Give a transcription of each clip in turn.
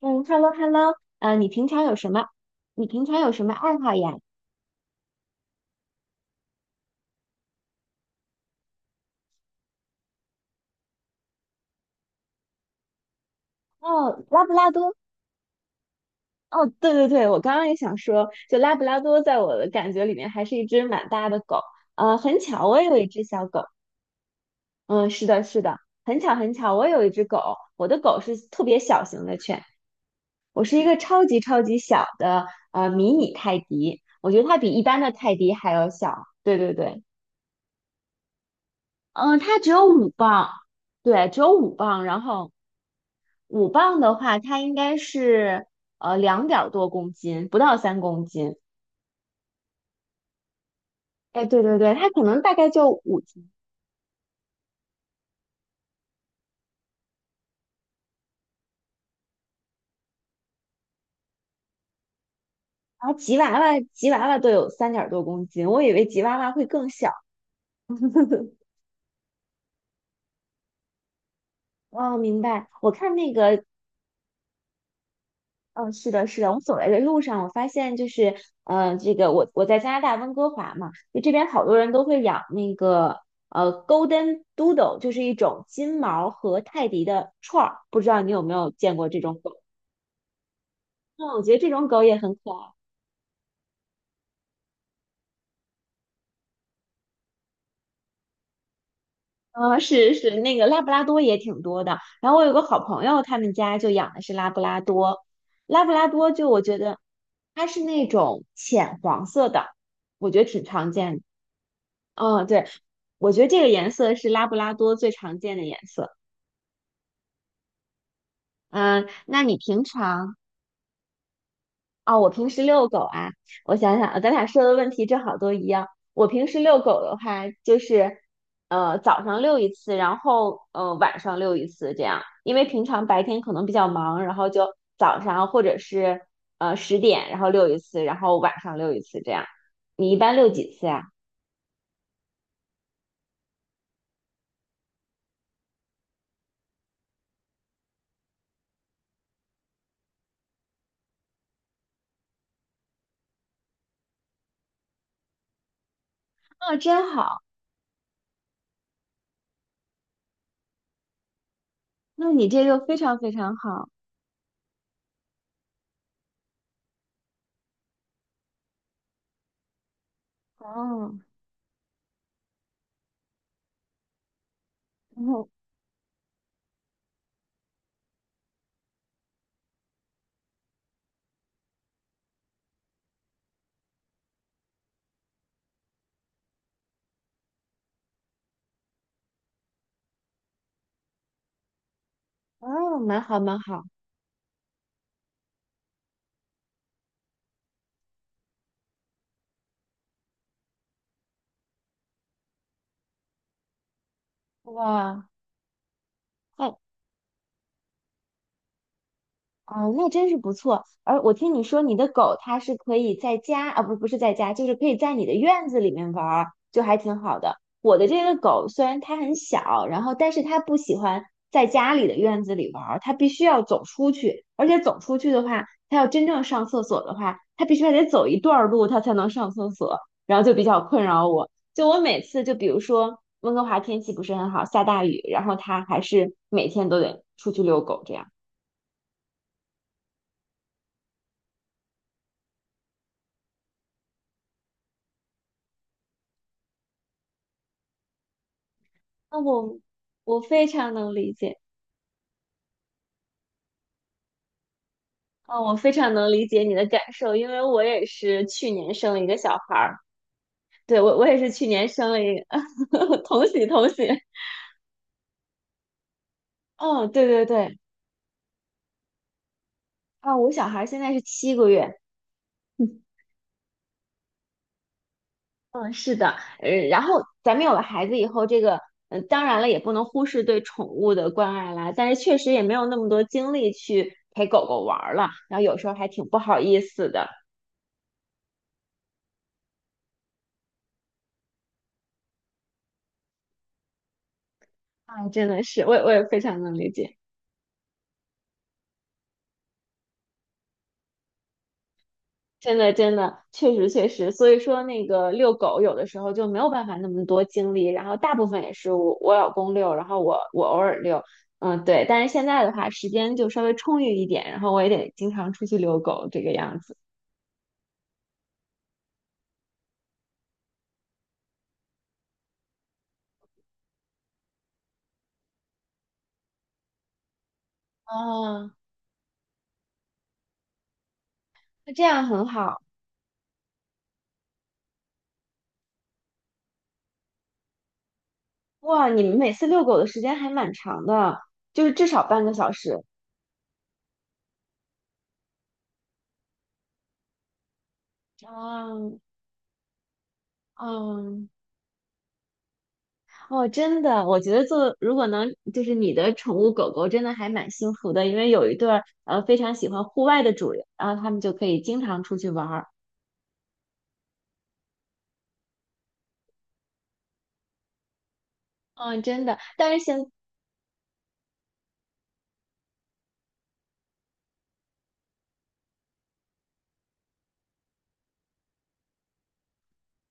嗯，hello hello，你平常有什么？你平常有什么爱好呀？哦，拉布拉多。哦，对对对，我刚刚也想说，就拉布拉多在我的感觉里面还是一只蛮大的狗。很巧，我也有一只小狗。嗯，是的，是的，很巧很巧，我有一只狗。我的狗是特别小型的犬，我是一个超级超级小的迷你泰迪，我觉得它比一般的泰迪还要小。对对对。嗯，它只有五磅。对，只有五磅，然后五磅的话，它应该是两点儿多公斤，不到3公斤。哎，对对对，它可能大概就5斤。然后吉娃娃，吉娃娃都有三点儿多公斤，我以为吉娃娃会更小。哦，明白。我看那个，嗯，是的，是的。我走来的路上，我发现就是，这个我在加拿大温哥华嘛，就这边好多人都会养那个Golden Doodle，就是一种金毛和泰迪的串儿。不知道你有没有见过这种狗？嗯，我觉得这种狗也很可爱。啊，是是，那个拉布拉多也挺多的。然后我有个好朋友，他们家就养的是拉布拉多。拉布拉多就我觉得它是那种浅黄色的，我觉得挺常见的。嗯，对，我觉得这个颜色是拉布拉多最常见的颜色。嗯，那你平常。哦，我平时遛狗啊，我想想，咱俩说的问题正好都一样。我平时遛狗的话，就是早上遛一次，然后晚上遛一次这样，因为平常白天可能比较忙，然后就早上或者是10点，然后遛一次，然后晚上遛一次这样。你一般遛几次呀？啊，真好，那你这个非常非常好。哦，哦哦，蛮好蛮好。哇。那，哦，那真是不错。而我听你说，你的狗它是可以在家啊，不，不是在家，就是可以在你的院子里面玩儿，就还挺好的。我的这个狗虽然它很小，然后但是它不喜欢在家里的院子里玩儿，它必须要走出去。而且走出去的话，它要真正上厕所的话，它必须还得走一段儿路，它才能上厕所，然后就比较困扰我。就我每次，就比如说温哥华天气不是很好，下大雨，然后它还是每天都得出去遛狗这样。那我非常能理解，啊，我非常能理解你的感受，因为我也是去年生了一个小孩儿，对，我也是去年生了一个。同喜同喜。嗯，对对对。啊，我小孩儿现在是7个月。嗯，是的，然后咱们有了孩子以后，这个，嗯，当然了，也不能忽视对宠物的关爱啦，但是确实也没有那么多精力去陪狗狗玩儿了，然后有时候还挺不好意思的，啊，真的是，我也非常能理解。真的，真的，确实，确实，所以说那个遛狗有的时候就没有办法那么多精力，然后大部分也是我老公遛，然后我偶尔遛。嗯，对，但是现在的话时间就稍微充裕一点，然后我也得经常出去遛狗这个样子。哦，那这样很好。哇，你们每次遛狗的时间还蛮长的，就是至少半个小时。哦。哦。哦，真的，我觉得做如果能就是你的宠物狗狗真的还蛮幸福的，因为有一对儿非常喜欢户外的主人，然后他们就可以经常出去玩儿。嗯，真的，但是现。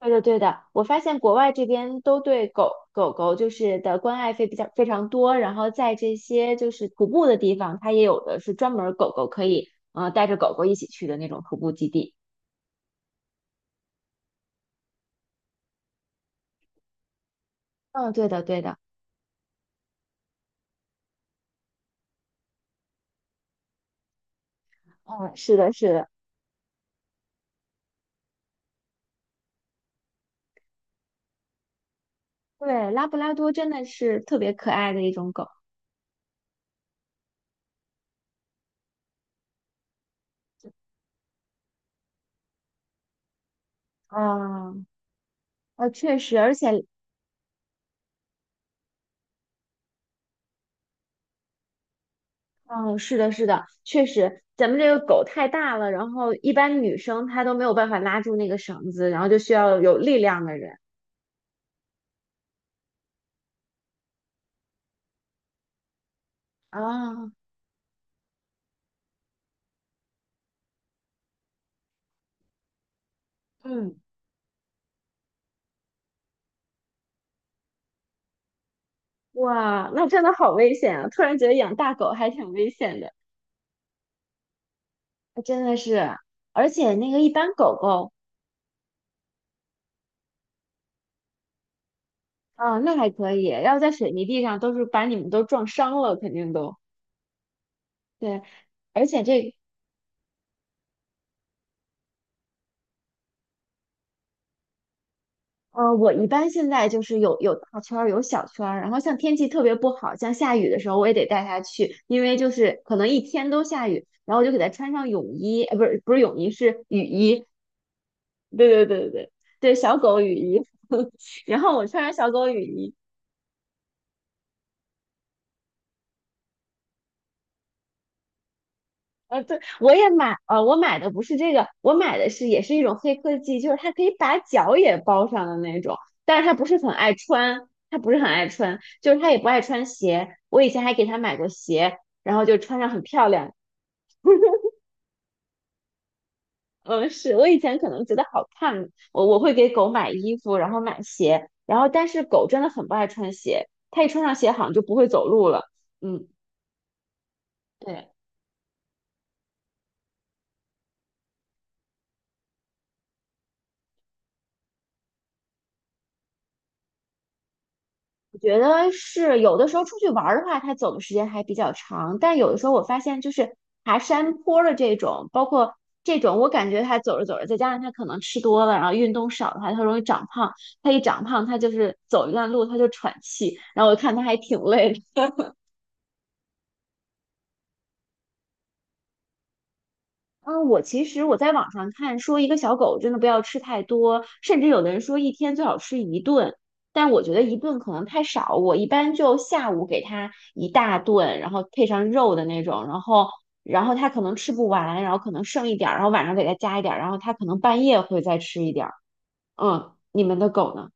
对的对的，我发现国外这边都对狗狗狗就是的关爱费比较非常多，然后在这些就是徒步的地方，它也有的是专门儿狗狗可以带着狗狗一起去的那种徒步基地。嗯，对的对的。嗯，是的是的。对，拉布拉多真的是特别可爱的一种狗。啊，确实，而且，嗯，是的，是的，确实，咱们这个狗太大了，然后一般女生她都没有办法拉住那个绳子，然后就需要有力量的人。啊。嗯。哇，那真的好危险啊！突然觉得养大狗还挺危险的。真的是，而且那个一般狗狗。啊，那还可以，要在水泥地上都是把你们都撞伤了，肯定都。对，而且这。我一般现在就是有大圈儿，有小圈儿，然后像天气特别不好，像下雨的时候，我也得带它去，因为就是可能一天都下雨，然后我就给它穿上泳衣，不是不是泳衣，是雨衣。对对对对对。对，小狗雨衣。然后我穿上小狗雨衣。对，我也买，我买的不是这个，我买的是也是一种黑科技，就是它可以把脚也包上的那种，但是它不是很爱穿，它不是很爱穿，就是它也不爱穿鞋。我以前还给它买过鞋，然后就穿上很漂亮。嗯，是我以前可能觉得好看，我会给狗买衣服，然后买鞋，然后但是狗真的很不爱穿鞋，它一穿上鞋好像就不会走路了。嗯，对。我觉得是有的时候出去玩儿的话，它走的时间还比较长，但有的时候我发现就是爬山坡儿的这种，包括这种，我感觉它走着走着，再加上它可能吃多了，然后运动少的话，它容易长胖。它一长胖，它就是走一段路它就喘气，然后我看它还挺累。嗯，我其实我在网上看说，一个小狗真的不要吃太多，甚至有的人说一天最好吃一顿，但我觉得一顿可能太少，我一般就下午给它一大顿，然后配上肉的那种，然后它可能吃不完，然后可能剩一点儿，然后晚上给它加一点儿，然后它可能半夜会再吃一点儿。嗯，你们的狗呢？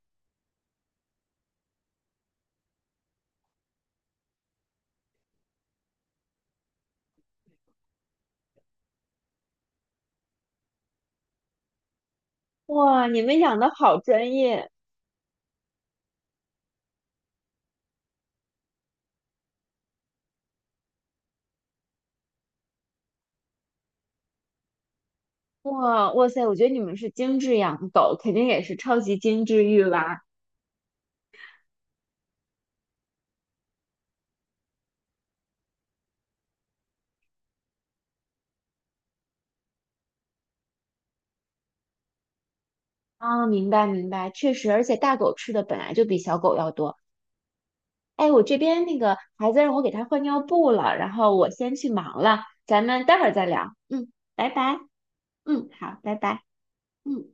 哇，你们养的好专业！哇，哇塞，我觉得你们是精致养狗，肯定也是超级精致育娃。啊，明白明白，确实，而且大狗吃的本来就比小狗要多。哎，我这边那个孩子让我给他换尿布了，然后我先去忙了，咱们待会儿再聊。嗯，拜拜。嗯，好，拜拜。嗯。